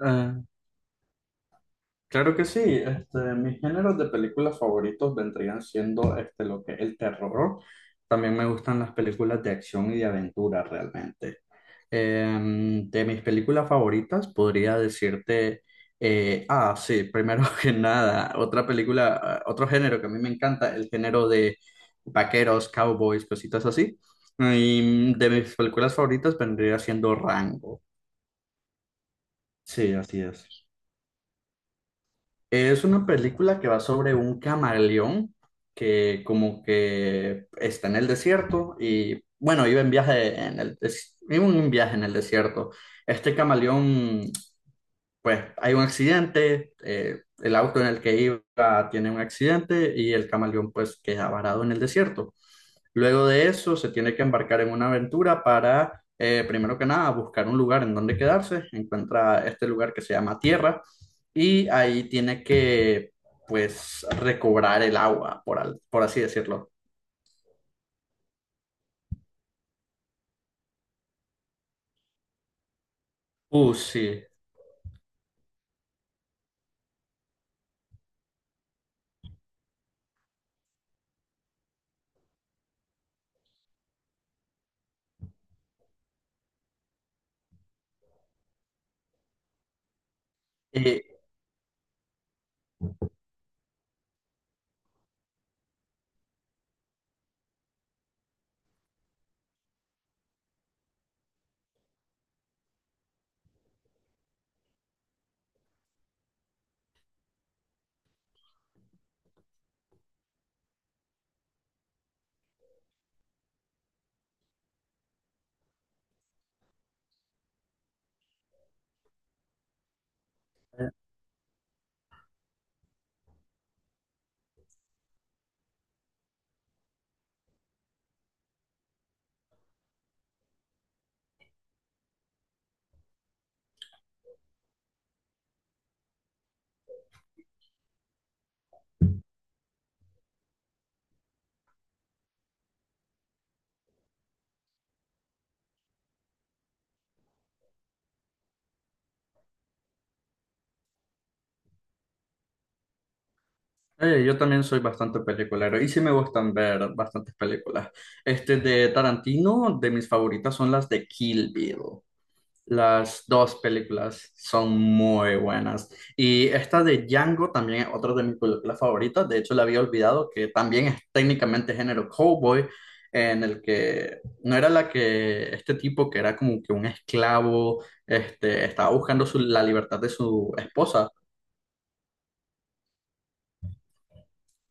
Eh, claro que sí, este, mis géneros de películas favoritos vendrían siendo este, lo que es el terror. También me gustan las películas de acción y de aventura realmente. De mis películas favoritas podría decirte, sí, primero que nada, otra película, otro género que a mí me encanta, el género de vaqueros, cowboys, cositas así. Y de mis películas favoritas vendría siendo Rango. Sí, así es. Es una película que va sobre un camaleón que como que está en el desierto y bueno, iba en un viaje en el desierto. Este camaleón pues hay un accidente, el auto en el que iba tiene un accidente y el camaleón pues queda varado en el desierto. Luego de eso se tiene que embarcar en una aventura para, primero que nada, buscar un lugar en donde quedarse. Encuentra este lugar que se llama Tierra y ahí tiene que pues recobrar el agua, por así decirlo. Sí. Eh, yo también soy bastante peliculero y sí me gustan ver bastantes películas. Este de Tarantino, de mis favoritas son las de Kill Bill. Las dos películas son muy buenas. Y esta de Django también es otra de mis películas favoritas. De hecho, la había olvidado que también es técnicamente género cowboy, en el que no era la que este tipo que era como que un esclavo, este, estaba buscando la libertad de su esposa.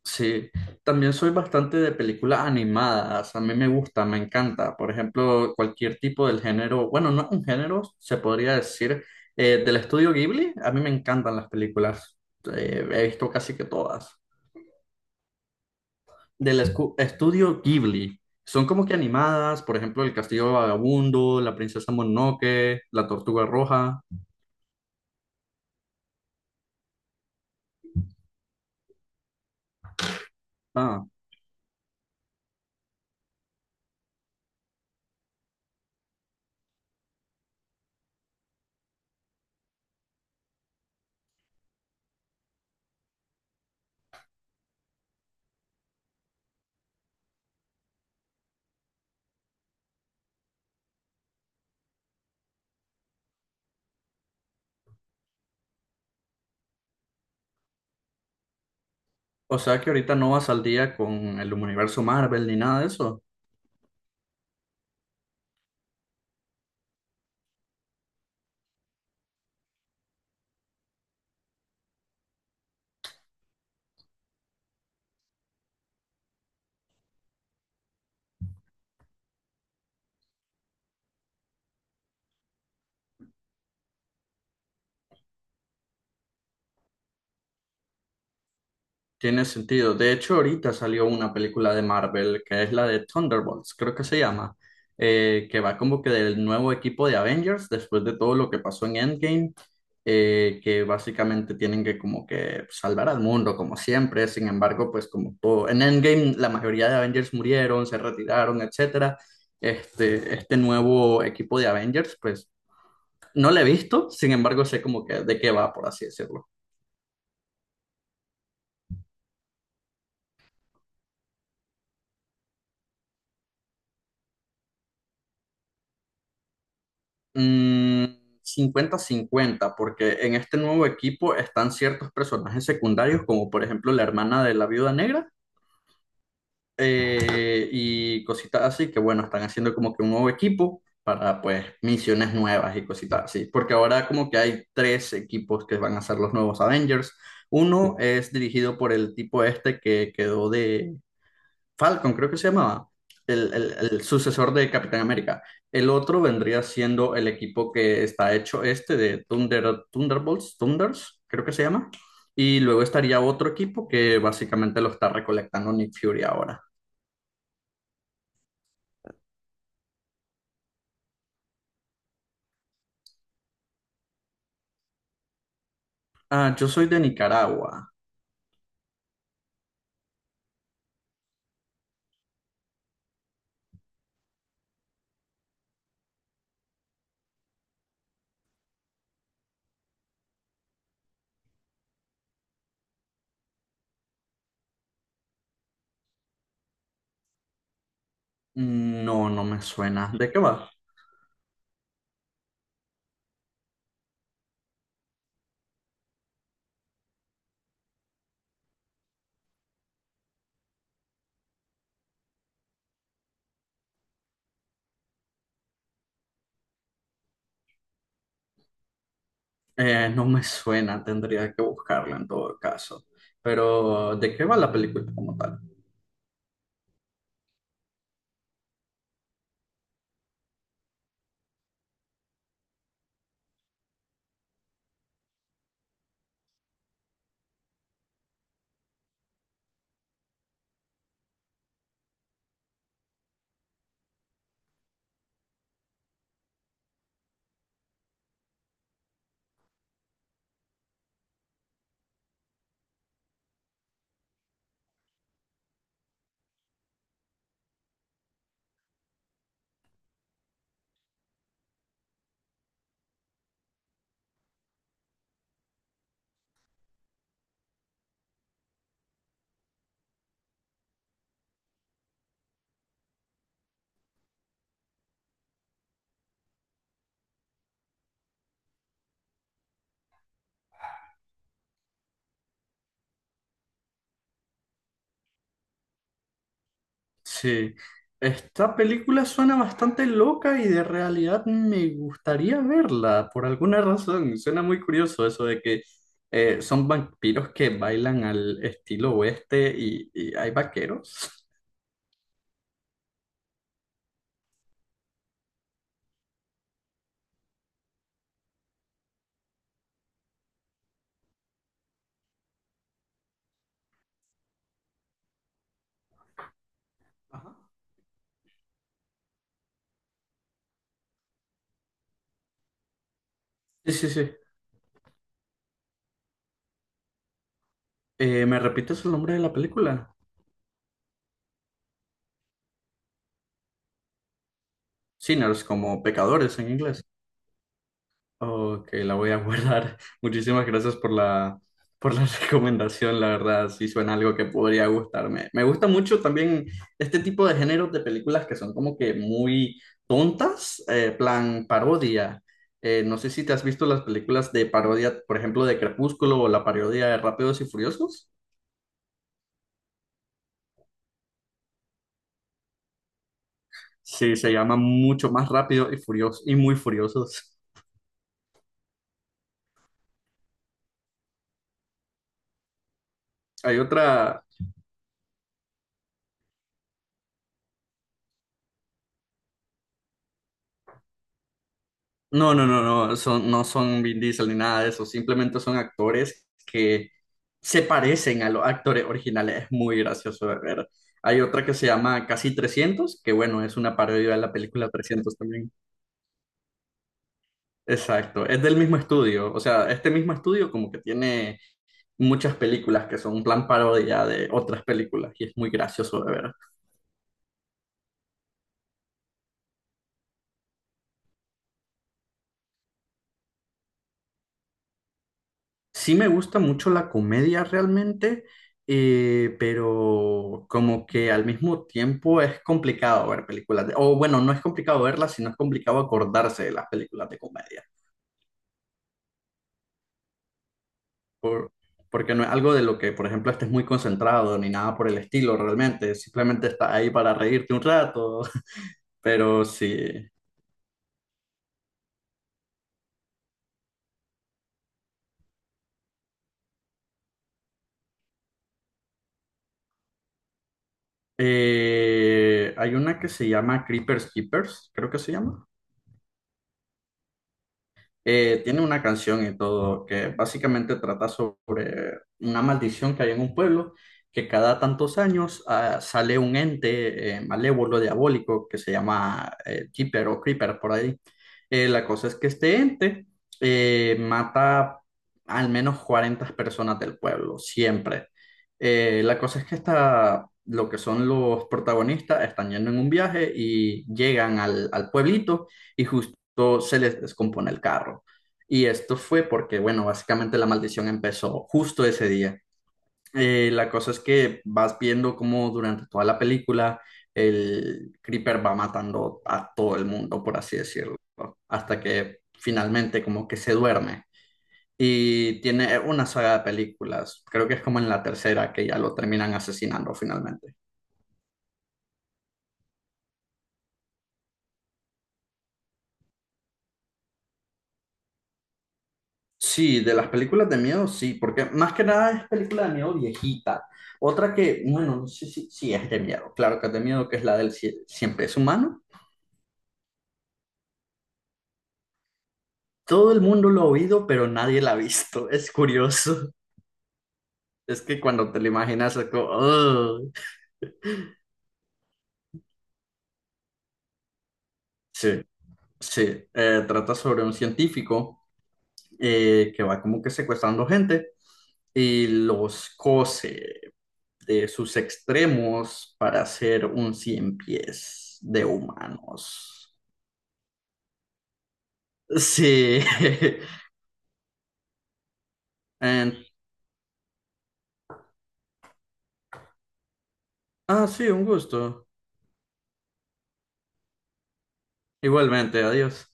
Sí, también soy bastante de películas animadas, a mí me gusta, me encanta, por ejemplo, cualquier tipo del género, bueno, no un género, se podría decir, del estudio Ghibli, a mí me encantan las películas. He visto casi que todas, del estudio Ghibli, son como que animadas, por ejemplo, El Castillo Vagabundo, La Princesa Mononoke, La Tortuga Roja. ah, o sea que ahorita no vas al día con el universo Marvel ni nada de eso. Tiene sentido. De hecho, ahorita salió una película de Marvel que es la de Thunderbolts, creo que se llama, que va como que del nuevo equipo de Avengers después de todo lo que pasó en Endgame, que básicamente tienen que como que salvar al mundo como siempre. Sin embargo, pues como todo en Endgame la mayoría de Avengers murieron, se retiraron, etcétera. Este nuevo equipo de Avengers, pues no lo he visto, sin embargo sé como que de qué va, por así decirlo. Mm, cincuenta 50 porque en este nuevo equipo están ciertos personajes secundarios, como por ejemplo la hermana de la viuda negra, y cositas así, que bueno, están haciendo como que un nuevo equipo para pues misiones nuevas y cositas así, porque ahora como que hay tres equipos que van a ser los nuevos Avengers. Uno es dirigido por el tipo este que quedó de Falcon, creo que se llamaba, el sucesor de Capitán América. El otro vendría siendo el equipo que está hecho este de Thunderbolts, Thunders, creo que se llama. Y luego estaría otro equipo que básicamente lo está recolectando Nick Fury ahora. Ah, yo soy de Nicaragua. No, no me suena. ¿De qué va? No me suena, tendría que buscarlo en todo caso. Pero, ¿de qué va la película como tal? Sí, esta película suena bastante loca y de realidad me gustaría verla por alguna razón. Suena muy curioso eso de que son vampiros que bailan al estilo oeste y hay vaqueros. Ajá. Sí, sí, sí. ¿Me repites el nombre de la película? Sinners, como pecadores en inglés. Ok, la voy a guardar. Muchísimas gracias por la recomendación, la verdad, sí suena algo que podría gustarme. Me gusta mucho también este tipo de géneros de películas que son como que muy tontas, plan parodia. No sé si te has visto las películas de parodia, por ejemplo, de Crepúsculo o la parodia de Rápidos y Furiosos. Sí, se llama mucho más Rápido y Furioso y muy Furiosos. Hay otra. No, no, no, no, son, no son Vin Diesel ni nada de eso, simplemente son actores que se parecen a los actores originales, es muy gracioso de ver. Hay otra que se llama Casi Trescientos, que bueno, es una parodia de la película 300 también. Exacto, es del mismo estudio, o sea, este mismo estudio como que tiene muchas películas que son un plan parodia de otras películas y es muy gracioso de ver. Sí me gusta mucho la comedia realmente, pero como que al mismo tiempo es complicado ver películas o bueno, no es complicado verlas, sino es complicado acordarse de las películas de comedia, por- porque no es algo de lo que, por ejemplo, estés muy concentrado ni nada por el estilo realmente, simplemente estás ahí para reírte un rato, pero sí. Hay una que se llama Creepers Keepers, creo que se llama. Tiene una canción y todo que básicamente trata sobre una maldición que hay en un pueblo que cada tantos años sale un ente malévolo, diabólico, que se llama Jeeper o Creeper por ahí. La cosa es que este ente mata al menos 40 personas del pueblo, siempre. La cosa es que esta, lo que son los protagonistas están yendo en un viaje y llegan al pueblito y justo esto se les descompone el carro. Y esto fue porque, bueno, básicamente la maldición empezó justo ese día. La cosa es que vas viendo cómo durante toda la película el Creeper va matando a todo el mundo, por así decirlo, hasta que finalmente como que se duerme. Y tiene una saga de películas, creo que es como en la tercera que ya lo terminan asesinando finalmente. Sí, de las películas de miedo, sí, porque más que nada es película de miedo viejita. Otra que, bueno, no sé si, si es de miedo, claro que es de miedo, que es la del cien Siempre es humano. Todo el mundo lo ha oído, pero nadie la ha visto. Es curioso. Es que cuando te lo imaginas, es como, "Ugh". Sí, sí. Trata sobre un científico que va como que secuestrando gente y los cose de sus extremos para hacer un cien pies de humanos. Sí. En- Ah, sí, un gusto. Igualmente, adiós.